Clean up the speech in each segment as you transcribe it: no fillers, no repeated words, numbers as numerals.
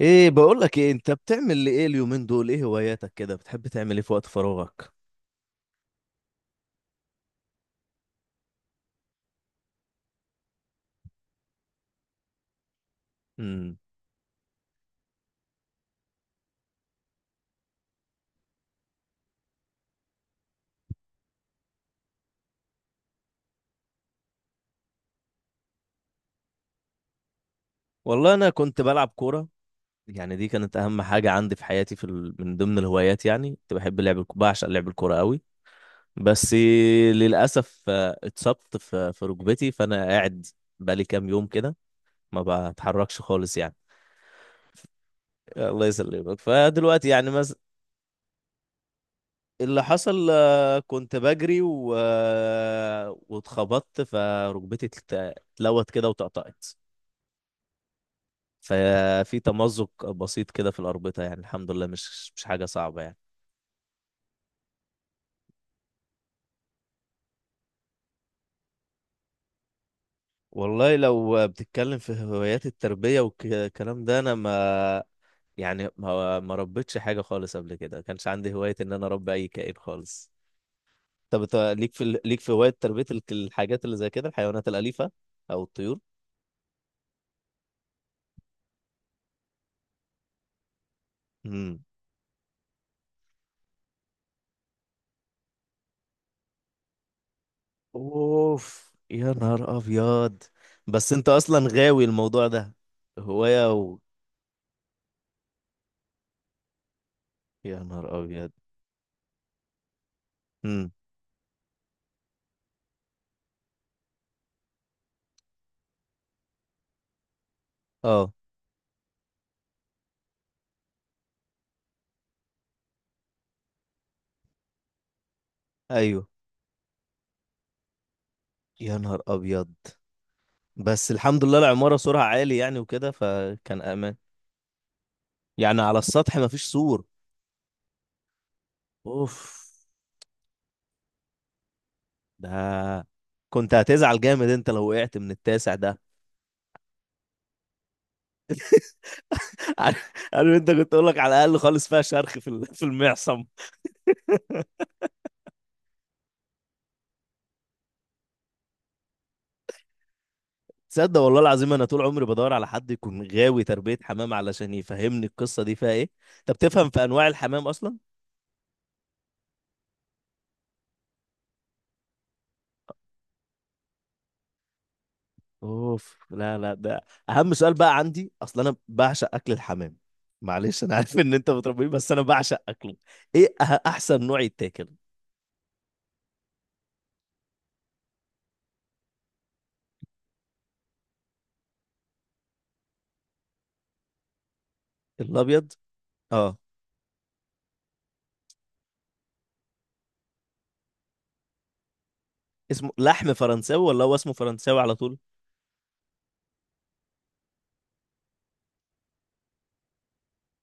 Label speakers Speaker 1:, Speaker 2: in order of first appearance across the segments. Speaker 1: ايه، بقول لك، ايه انت بتعمل ايه اليومين دول؟ ايه هواياتك كده؟ بتحب تعمل ايه في وقت فراغك؟ امم. والله انا كنت بلعب كوره. يعني دي كانت اهم حاجه عندي في حياتي، من ضمن الهوايات، يعني كنت بحب لعب الك- بعشق لعب الكوره قوي. بس للاسف اتصبت في ركبتي، فانا قاعد بقالي كام يوم كده ما بتحركش خالص يعني. الله يسلمك، فدلوقتي يعني. اللي حصل كنت بجري و... آه، واتخبطت فركبتي، اتلوت كده وتقطعت. ففي تمزق بسيط كده في الأربطة، يعني الحمد لله مش حاجة صعبة يعني. والله لو بتتكلم في هوايات التربية والكلام ده، أنا ما يعني ما ربيتش حاجة خالص قبل كده، ما كانش عندي هواية إن أنا أربي أي كائن خالص. طب إنت ليك ليك في هواية تربية الحاجات اللي زي كده، الحيوانات الأليفة أو الطيور؟ مم. اوف، يا نهار ابيض. بس انت اصلا غاوي الموضوع ده. هواية. يا نهار ابيض. امم. اه. ايوه. يا نهار ابيض. بس الحمد لله العمارة سورها عالي يعني وكده فكان امان. يعني على السطح مفيش سور. اوف. ده كنت هتزعل جامد انت لو وقعت من التاسع ده. عارف عارف، انت كنت اقول لك على الاقل خالص فيها شرخ في المعصم. تصدق والله العظيم، انا طول عمري بدور على حد يكون غاوي تربية حمام علشان يفهمني القصة دي فيها ايه. طب تفهم في انواع الحمام اصلا؟ اوف. لا لا، ده اهم سؤال بقى عندي اصلا، انا بعشق اكل الحمام. معلش، انا عارف ان انت بتربيه، بس انا بعشق اكله. ايه احسن نوع يتاكل؟ الابيض. اه. اسمه لحم فرنساوي ولا هو اسمه فرنساوي على طول؟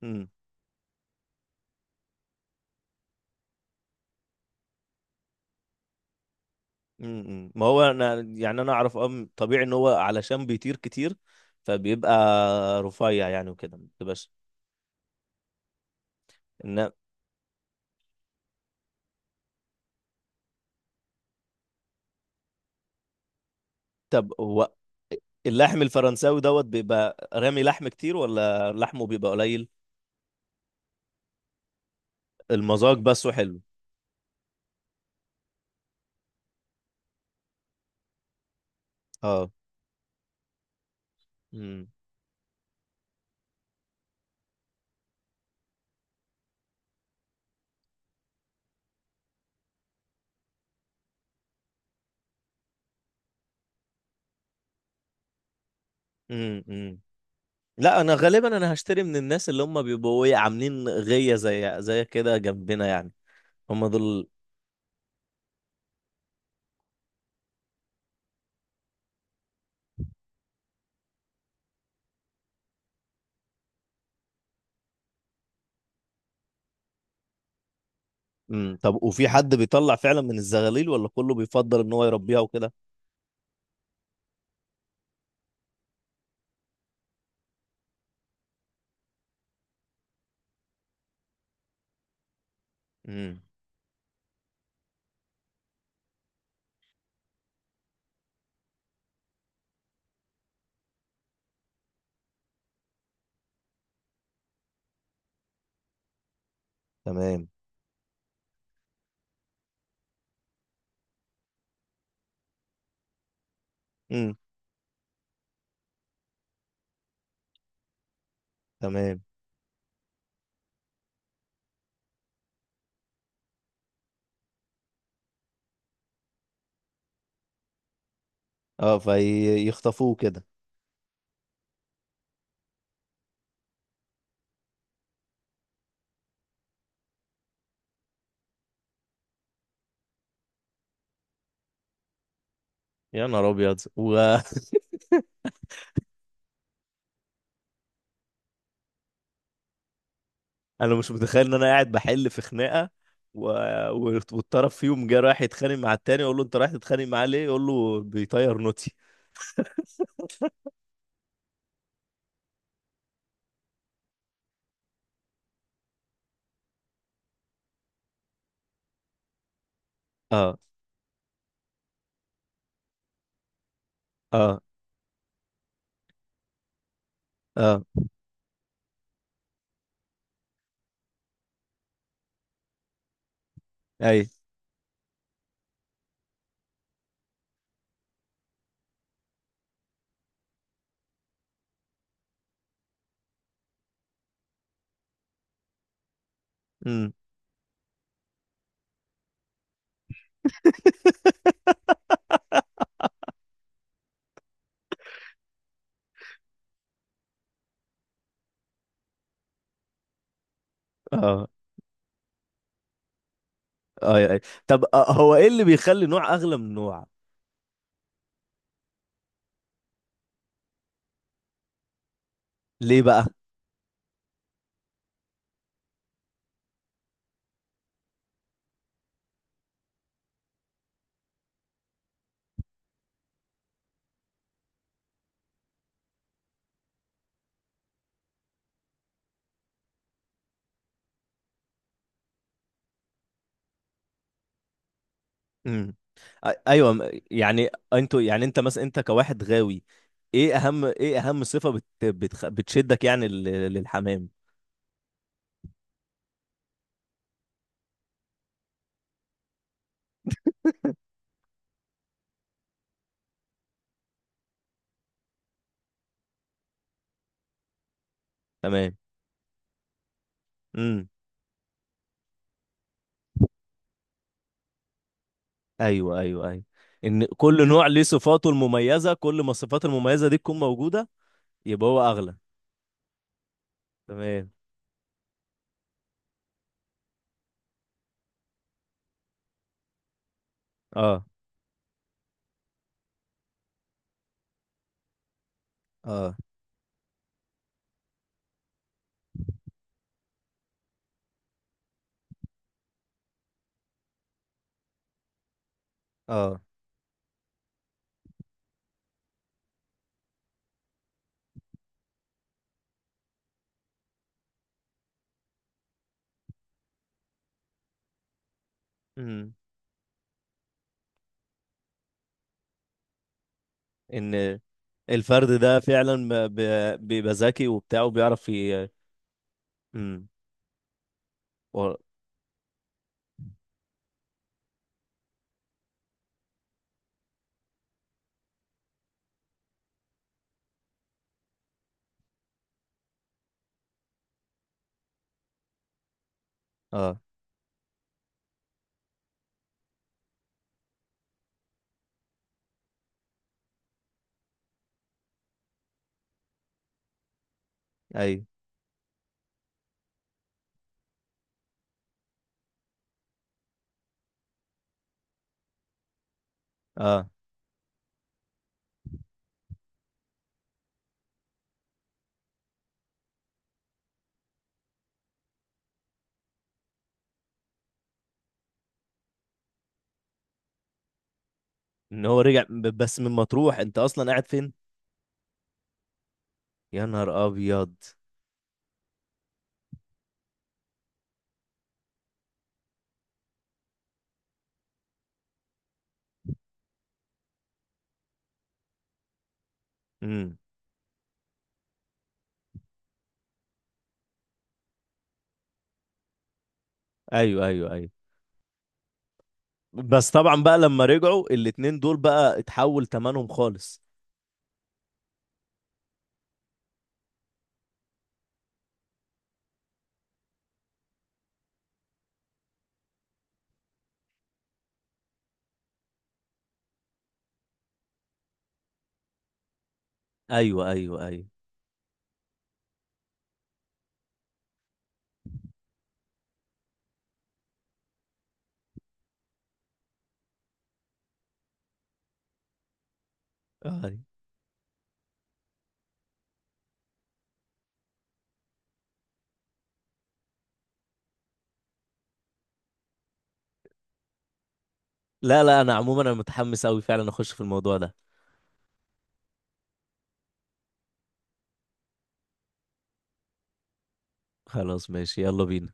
Speaker 1: امم ما هو انا يعني انا اعرف طبيعي ان هو علشان بيطير كتير فبيبقى رفيع يعني وكده ما بتبقاش. إن- طب هو اللحم الفرنساوي دوت بيبقى رامي لحم كتير ولا لحمه بيبقى قليل؟ المذاق بس وحلو. اه. امم أمم. لا، انا غالبا انا هشتري من الناس اللي هم بيبقوا ايه عاملين غية زي كده جنبنا يعني، هم دول. امم. طب وفي حد بيطلع فعلا من الزغاليل ولا كله بيفضل ان هو يربيها وكده؟ امم. تمام. امم. تمام. اه، فيخطفوه كده. يا نهار ابيض انا مش متخيل ان انا قاعد بحل في خناقه. و... والطرف فيهم جه رايح يتخانق مع التاني، اقول له انت رايح تتخانق معاه ليه؟ يقول له بيطير نوتي. اه اه اه اي. امم. اه اه اي. طب هو ايه اللي بيخلي نوع اغلى من نوع؟ ليه بقى؟ امم. ايوه، يعني انتوا يعني انت مثلا انت كواحد غاوي. ايه اهم صفه بتشدك يعني للحمام؟ تمام. امم. ايوه ايوه ايوه. ان كل نوع ليه صفاته المميزه، كل ما الصفات المميزه دي تكون موجوده يبقى هو اغلى. تمام. اه اه اه. امم. ان الفرد ده فعلا بيبقى ذكي وبتاع وبيعرف. امم. و... اه ايوه اه. ان هو رجع بس من مطروح، انت اصلا قاعد فين؟ يا نهار ابيض. امم. ايوه ايوه ايوه. بس طبعا بقى لما رجعوا الاتنين دول بقى اتحول تمنهم خالص. ايوه ايوه ايوه. آه. لا لا، انا عموما انا متحمس قوي فعلا اخش في الموضوع ده. خلاص ماشي، يلا بينا.